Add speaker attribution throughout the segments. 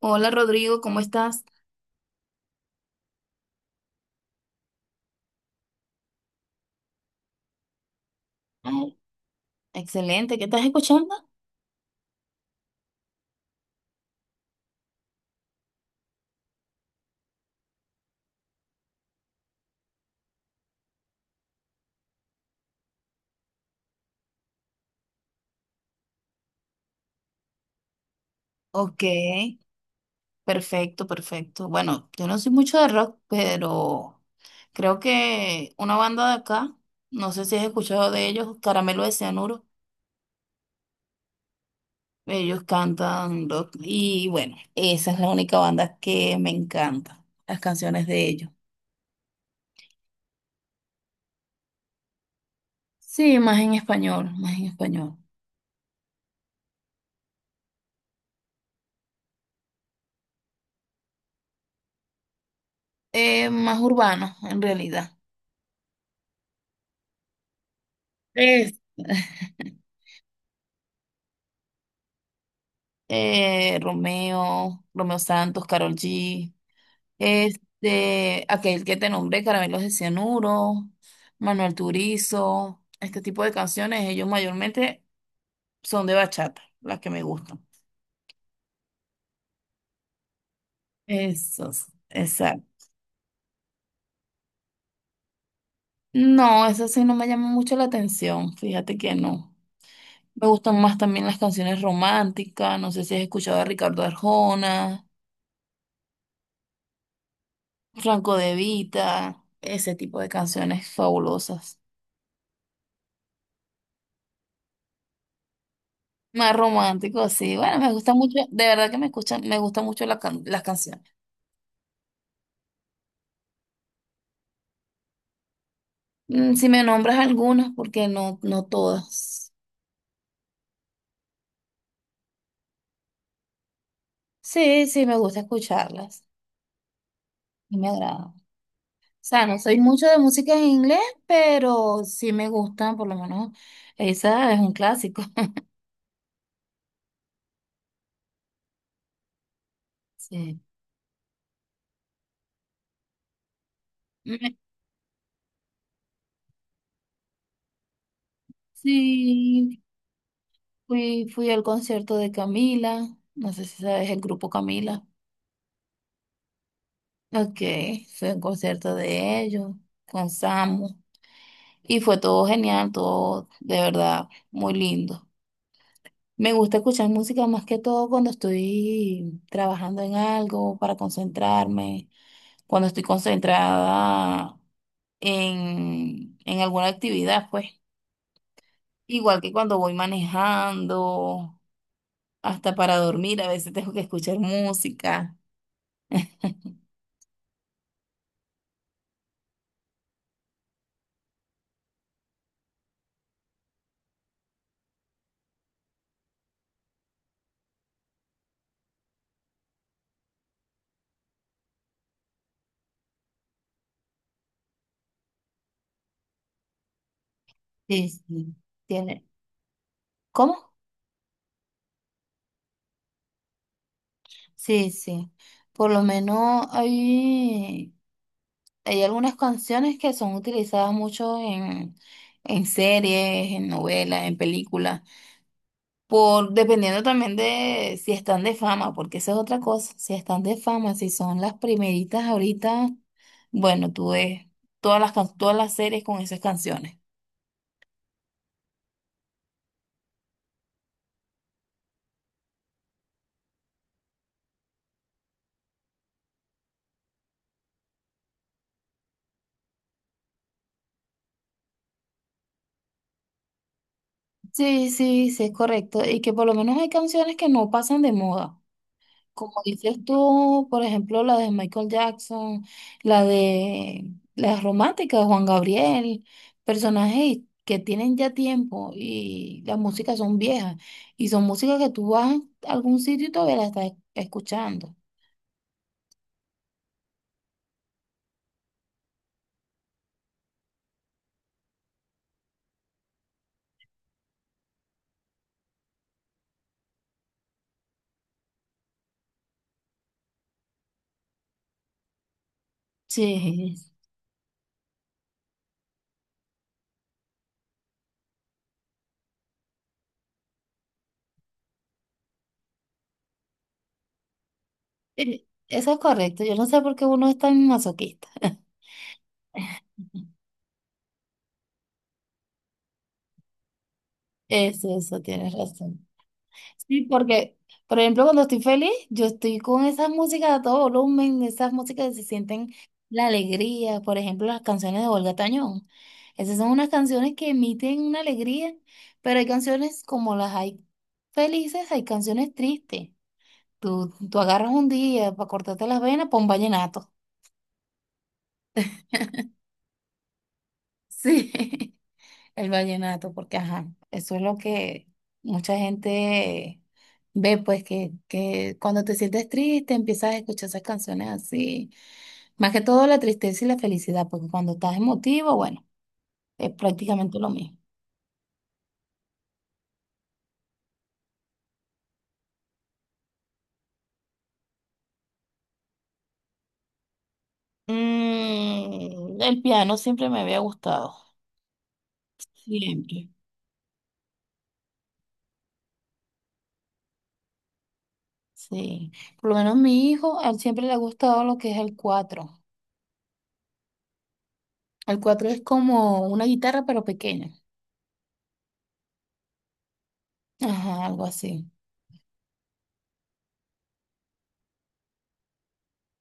Speaker 1: Hola Rodrigo, ¿cómo estás? Ay, excelente, ¿qué estás escuchando? Ok, perfecto, perfecto. Bueno, yo no soy mucho de rock, pero creo que una banda de acá, no sé si has escuchado de ellos, Caramelo de Cianuro, ellos cantan rock y bueno, esa es la única banda que me encanta, las canciones de ellos. Sí, más en español, más en español. Más urbano, en realidad. Es. Romeo, Romeo Santos, Karol G, este, aquel que te nombré, Caramelos de Cianuro, Manuel Turizo, este tipo de canciones, ellos mayormente son de bachata, las que me gustan. Esos, exacto. No, esas sí no me llaman mucho la atención, fíjate que no. Me gustan más también las canciones románticas, no sé si has escuchado a Ricardo Arjona, Franco De Vita, ese tipo de canciones fabulosas. Más romántico, sí. Bueno, me gusta mucho, de verdad que me escuchan, me gusta mucho las canciones. Mm, si me nombras algunas, porque no, no todas. Sí, sí, me gusta escucharlas y me agrada. O sea, no soy mucho de música en inglés, pero sí me gustan, por lo menos esa es un clásico. Sí. Me- Sí, fui al concierto de Camila. No sé si sabes el grupo Camila. Ok, fui a un concierto de ellos con Samu. Y fue todo genial, todo de verdad muy lindo. Me gusta escuchar música más que todo cuando estoy trabajando en algo para concentrarme, cuando estoy concentrada en alguna actividad, pues. Igual que cuando voy manejando, hasta para dormir, a veces tengo que escuchar música. Sí, sí, Tiene- ¿Cómo? Sí, sí. Por lo menos hay. Hay algunas canciones que son utilizadas mucho en series, en novelas, en películas, por dependiendo también de si están de fama, porque esa es otra cosa, si están de fama, si son las primeritas ahorita, bueno, tú ves todas las series con esas canciones. Sí, sí, sí, es correcto. Y que por lo menos hay canciones que no pasan de moda. Como dices tú, por ejemplo, la de Michael Jackson, la de las románticas de Juan Gabriel, personajes que tienen ya tiempo y las músicas son viejas y son músicas que tú vas a algún sitio y todavía la estás escuchando. Sí. Eso es correcto, yo no sé por qué uno es tan masoquista. Eso, tienes razón. Sí, porque, por ejemplo, cuando estoy feliz, yo estoy con esas músicas a todo volumen, esas músicas que se sienten la alegría, por ejemplo, las canciones de Olga Tañón. Esas son unas canciones que emiten una alegría, pero hay canciones como las hay felices, hay canciones tristes. Tú agarras un día para cortarte las venas, pon vallenato. Sí. El vallenato, porque ajá, eso es lo que mucha gente ve, pues que cuando te sientes triste empiezas a escuchar esas canciones así. Más que todo la tristeza y la felicidad, porque cuando estás emotivo, bueno, es prácticamente lo mismo. Mm, el piano siempre me había gustado, siempre, sí. Por lo menos mi hijo, a él siempre le ha gustado lo que es el cuatro. El cuatro es como una guitarra, pero pequeña. Ajá, algo así.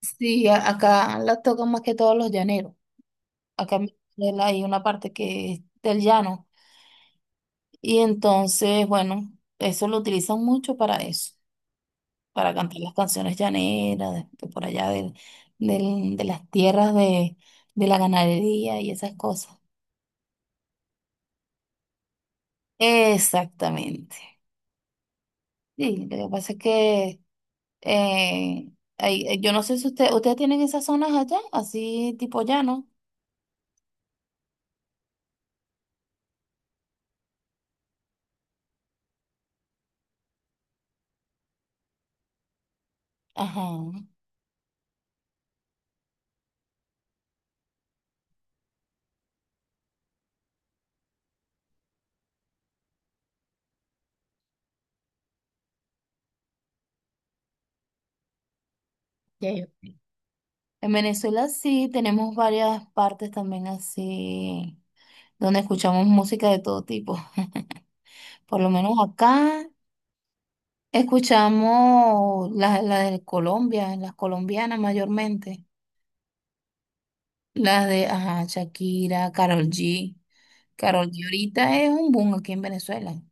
Speaker 1: Sí, a- acá la tocan más que todos los llaneros. Acá en Venezuela hay una parte que es del llano. Y entonces, bueno, eso lo utilizan mucho para eso, para cantar las canciones llaneras, de por allá del, del- de las tierras de la ganadería y esas cosas. Exactamente. Sí, lo que pasa es que eh, hay- yo no sé si usted, ustedes tienen esas zonas allá, así tipo llano. Ajá. Ya, ya. En Venezuela sí tenemos varias partes también así, donde escuchamos música de todo tipo. Por lo menos acá escuchamos las la de Colombia, las colombianas mayormente. Las de, ajá, Shakira, Karol G. Karol G ahorita es un boom aquí en Venezuela.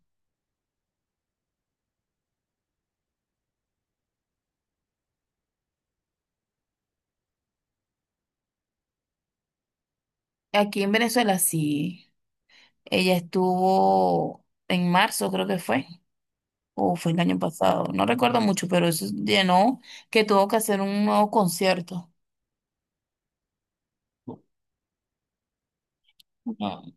Speaker 1: Aquí en Venezuela sí. Ella estuvo en marzo, creo que fue, o fue el año pasado, no recuerdo mucho, pero eso llenó que tuvo que hacer un nuevo concierto. Ah,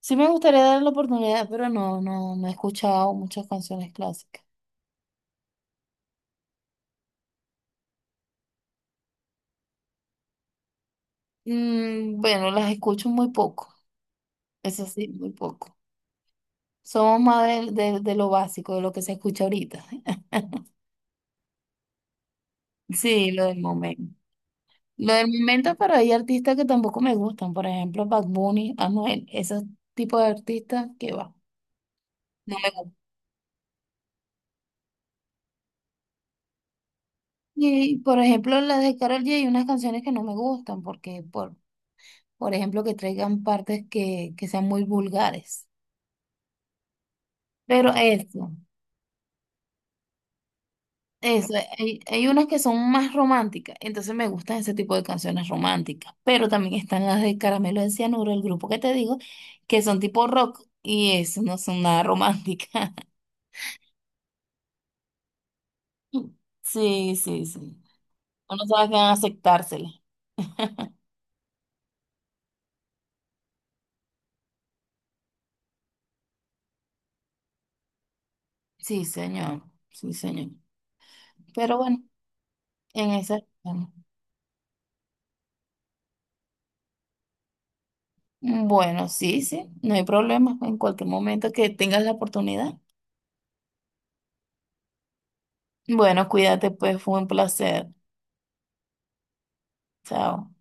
Speaker 1: sí me gustaría darle la oportunidad, pero no, no, no he escuchado muchas canciones clásicas. Mm, bueno, las escucho muy poco, eso sí, muy poco. Somos más del- de lo básico, de lo que se escucha ahorita. Sí, lo del momento. Lo del momento, pero hay artistas que tampoco me gustan. Por ejemplo, Bad Bunny, Anuel, esos tipos de artistas que va, no me gustan. Y por ejemplo, las de Karol G, hay unas canciones que no me gustan porque, por ejemplo, que traigan partes que sean muy vulgares. Pero eso, hay unas que son más románticas, entonces me gustan ese tipo de canciones románticas, pero también están las de Caramelo de Cianuro, el grupo que te digo, que son tipo rock y eso no son nada románticas. Sí, sí, sí. Uno sabe que van a aceptársela. Sí, señor, sí, señor. Pero bueno, en ese... Bueno, sí, sí, no hay problema en cualquier momento que tengas la oportunidad. Bueno, cuídate, pues fue un placer. Chao.